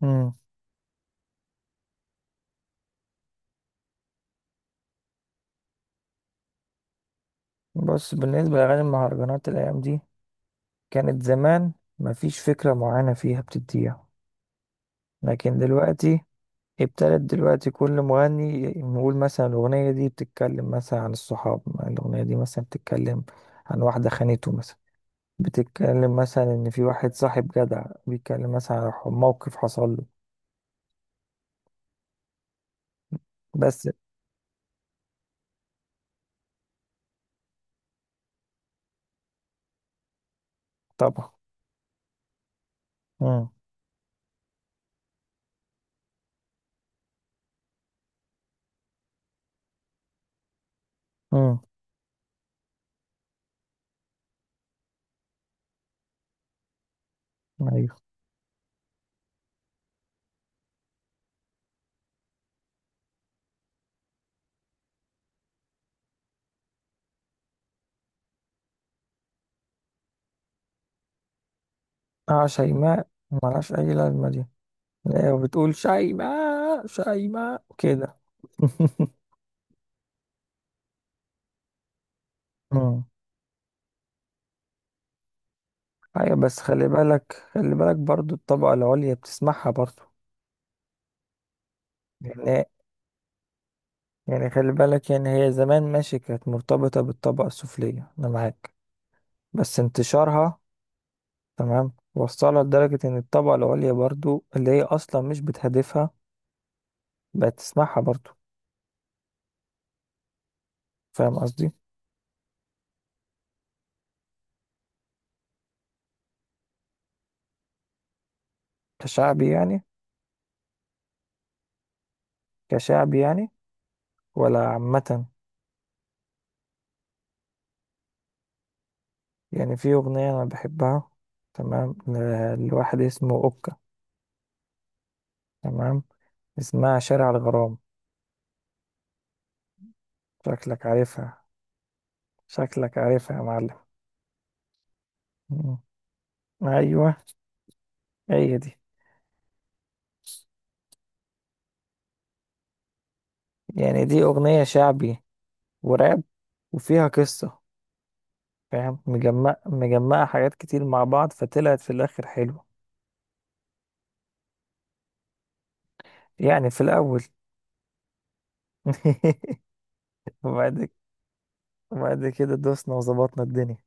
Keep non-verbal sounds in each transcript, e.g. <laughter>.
مم. بص، بالنسبة لأغاني المهرجانات الأيام دي، كانت زمان مفيش فكرة معينة فيها بتديها، لكن دلوقتي ابتدت دلوقتي كل مغني نقول مثلا الأغنية دي بتتكلم مثلا عن الصحاب، الأغنية دي مثلا بتتكلم عن واحدة خانته مثلا، بتتكلم مثلا إن في واحد صاحب جدع بيتكلم مثلا عن موقف حصل له. بس. طبعا. مم. مم. أيوه. آه، شيماء ملهاش أي لازمة دي. لا، بتقول شيماء شيماء كده. <laughs> مم. ايوه، بس خلي بالك، خلي بالك، برضو الطبقة العليا بتسمعها برضو. يعني يعني خلي بالك، يعني هي زمان ماشي كانت مرتبطة بالطبقة السفلية، انا معاك. بس انتشارها، تمام، وصلها لدرجة ان الطبقة العليا برضو اللي هي اصلا مش بتهدفها بقت تسمعها برضو. فاهم قصدي؟ كشعبي يعني؟ كشعبي يعني ولا عامة؟ يعني في اغنية انا بحبها، تمام، لواحد اسمه اوكا، تمام، اسمها شارع الغرام. شكلك عارفها. شكلك عارفها يا معلم. مم. ايوه. هي دي. يعني دي اغنية شعبي وراب وفيها قصة. فاهم، مجمعة حاجات كتير مع بعض فطلعت في الاخر حلوة. يعني في الاول. <laughs> وبعد ك- وبعد كده دوسنا وظبطنا الدنيا.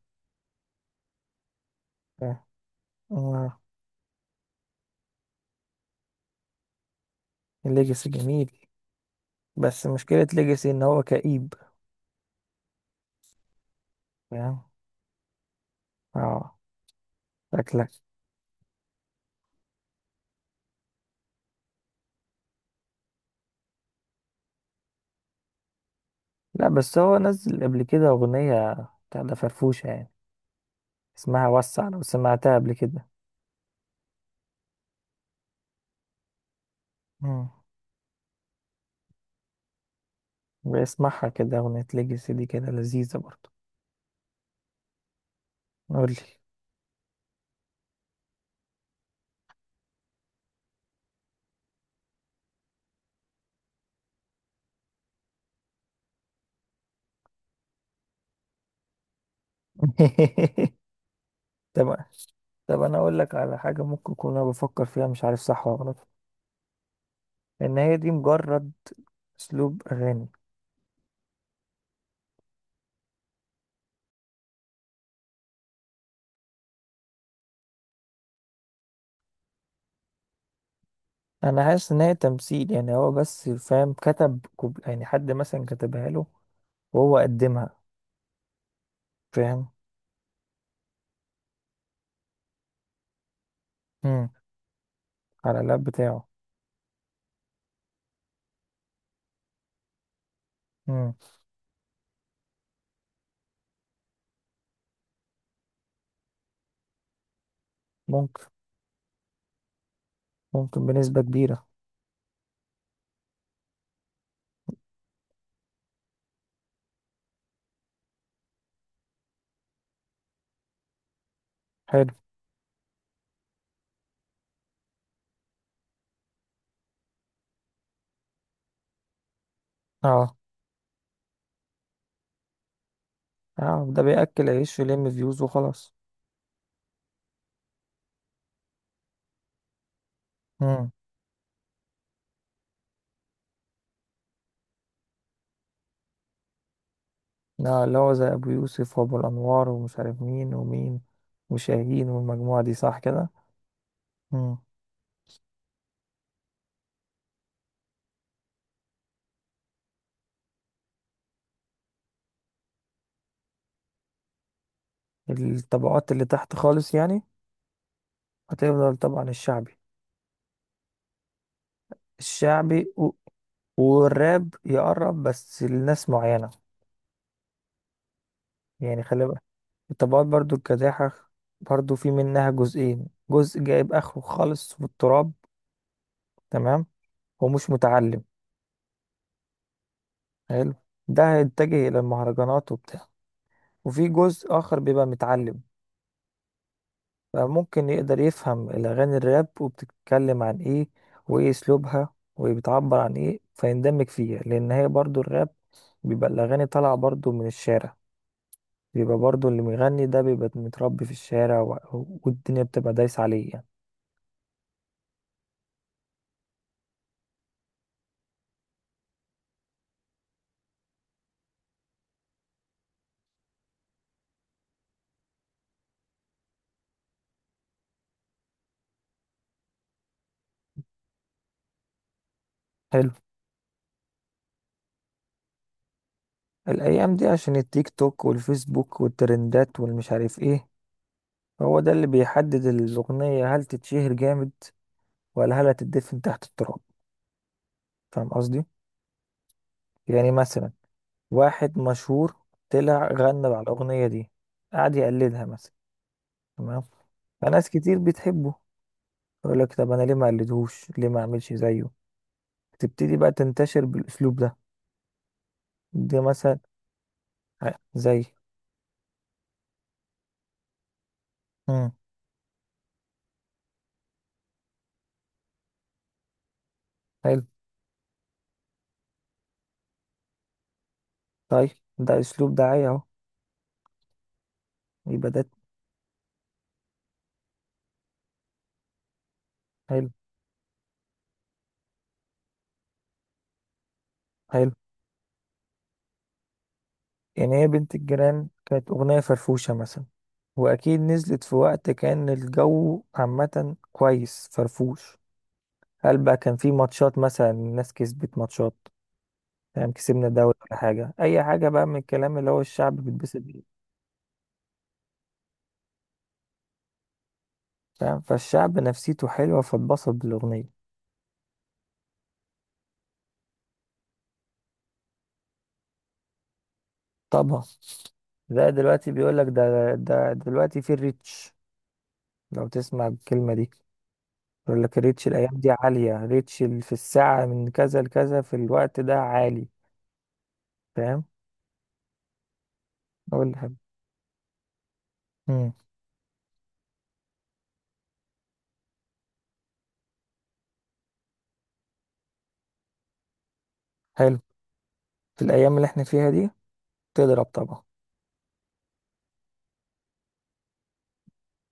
فاهم. آه. الليجاسي جميل، بس مشكلة ليجاسي ان هو كئيب. فاهم. اه. شكلك. لا بس هو نزل قبل كده اغنية، بتاع ده فرفوشة يعني، اسمها وسع، لو سمعتها قبل كده. مم. بسمعها كده، أغنية ليجاسي دي كده لذيذة برضه. قولي. <laughs> طب، طب أنا أقول لك على حاجة ممكن أكون أنا بفكر فيها مش عارف صح ولا غلط، إن هي دي مجرد أسلوب أغاني. أنا حاسس إن هي تمثيل، يعني هو بس فاهم كتب يعني حد مثلا كتبها له وهو قدمها. فاهم. مم. على اللاب بتاعه. مم. ممكن. ممكن بنسبة كبيرة. حلو. اه، اه، ده بيأكل عيش ويلم فيوز وخلاص. مم. لا، اللي هو زي أبو يوسف وأبو الأنوار ومش عارف مين ومين وشاهين والمجموعة دي، صح كده. مم. الطبقات اللي تحت خالص يعني. هتفضل طبعا الشعبي. الشعبي والراب يقرب بس لناس معينة. يعني خلي بالك، الطبقات برضو الكداحة برضو في منها جزئين، جزء جايب آخره خالص في التراب، تمام، ومش متعلم. حلو. ده هيتجه إلى المهرجانات وبتاع. وفي جزء آخر بيبقى متعلم فممكن يقدر يفهم الأغاني الراب وبتتكلم عن إيه وإيه أسلوبها وبتعبر عن إيه فيندمج فيها، لأن هي برضو الراب بيبقى الأغاني طالعة برضو من الشارع، بيبقى برضو اللي بيغني ده بيبقى متربي في الشارع، والدنيا بتبقى دايسة عليه يعني. حلو. الأيام دي عشان التيك توك والفيسبوك والترندات والمش عارف إيه. هو ده اللي بيحدد الأغنية هل تتشهر جامد ولا هل هتدفن تحت التراب. فاهم قصدي؟ يعني مثلا واحد مشهور طلع غنى على الأغنية دي، قعد يقلدها مثلا، تمام، فناس كتير بتحبه يقول لك طب أنا ليه ما أقلدهوش، ليه ما أعملش زيه؟ تبتدي بقى تنتشر بالأسلوب ده. دي مثلا زي. مم. حلو. طيب ده أسلوب دعاية أهو. يبقى ده. حلو. حلو. يعني هي بنت الجيران كانت أغنية فرفوشة مثلا، وأكيد نزلت في وقت كان الجو عامة كويس فرفوش. هل بقى كان في ماتشات مثلا الناس كسبت ماتشات، فاهم، كسبنا دوري ولا حاجة، أي حاجة بقى من الكلام اللي هو الشعب بيتبسط بيه. فاهم، فالشعب نفسيته حلوة فاتبسط بالأغنية. طبعا. ده دلوقتي بيقول لك ده. ده دلوقتي في الريتش، لو تسمع الكلمة دي، يقول لك الريتش الأيام دي عالية، ريتش في الساعة من كذا لكذا في الوقت ده عالي. فاهم. أقول لك. امم. حلو. في الأيام اللي احنا فيها دي تضرب طبعا.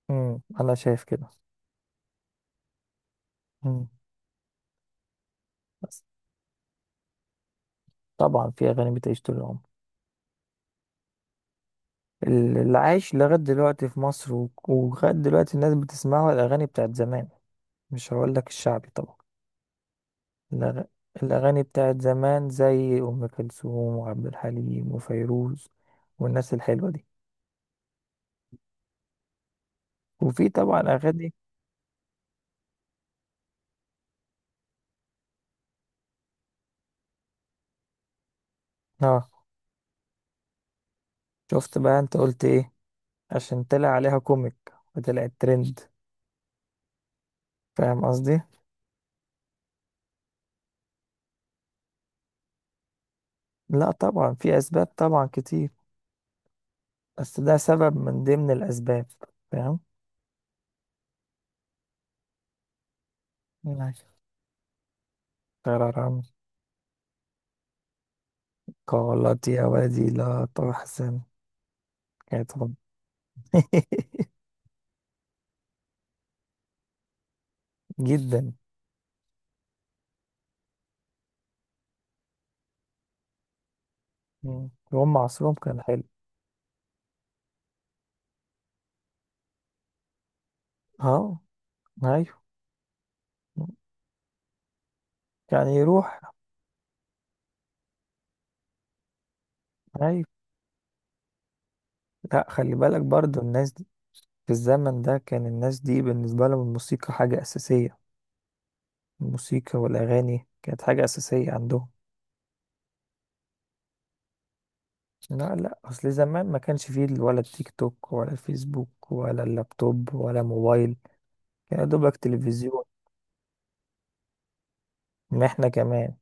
امم. أنا شايف كده. امم. بس طبعا في أغاني بتعيش طول العمر. اللي عايش لغاية دلوقتي في مصر، ولغاية دلوقتي الناس بتسمعه الأغاني بتاعت زمان. مش هقول لك الشعبي طبعا. الأغ- الأغاني بتاعت زمان زي أم كلثوم وعبد الحليم وفيروز والناس الحلوة دي. وفي طبعا أغاني. اه، شفت بقى أنت قلت إيه؟ عشان طلع عليها كوميك وطلعت ترند. فاهم قصدي؟ لا طبعا في أسباب طبعا كتير. بس ده سبب من ضمن الأسباب. فاهم؟ أيوة. قرارا. قالت يا ودي لا تحزن. يعني طبعا. <laughs> جدا. مم. وهم عصرهم كان حلو. اه. ايوه. يعني يروح. ايوه. لا، خلي بالك برضو الناس دي، في الزمن ده كان الناس دي بالنسبة لهم الموسيقى حاجة أساسية. الموسيقى والأغاني كانت حاجة أساسية عندهم. لا، لا، أصل زمان ما كانش فيه ولا التيك توك ولا الفيسبوك ولا اللابتوب ولا موبايل، كان يا دوبك تلفزيون. ما احنا كمان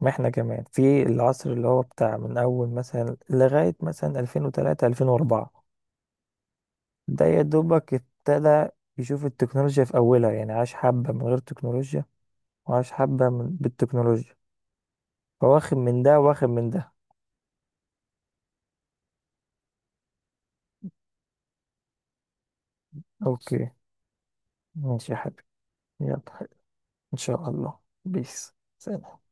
ما احنا كمان في العصر اللي هو بتاع من أول مثلا لغاية مثلا 2003 2004، ده يا دوبك ابتدى يشوف التكنولوجيا في أولها. يعني عاش حبة من غير تكنولوجيا وعاش حبة بالتكنولوجيا. فواخد من ده واخد من ده. أوكي. ماشي يا حبيبي. يلا. إن شاء الله. بيس. سلام.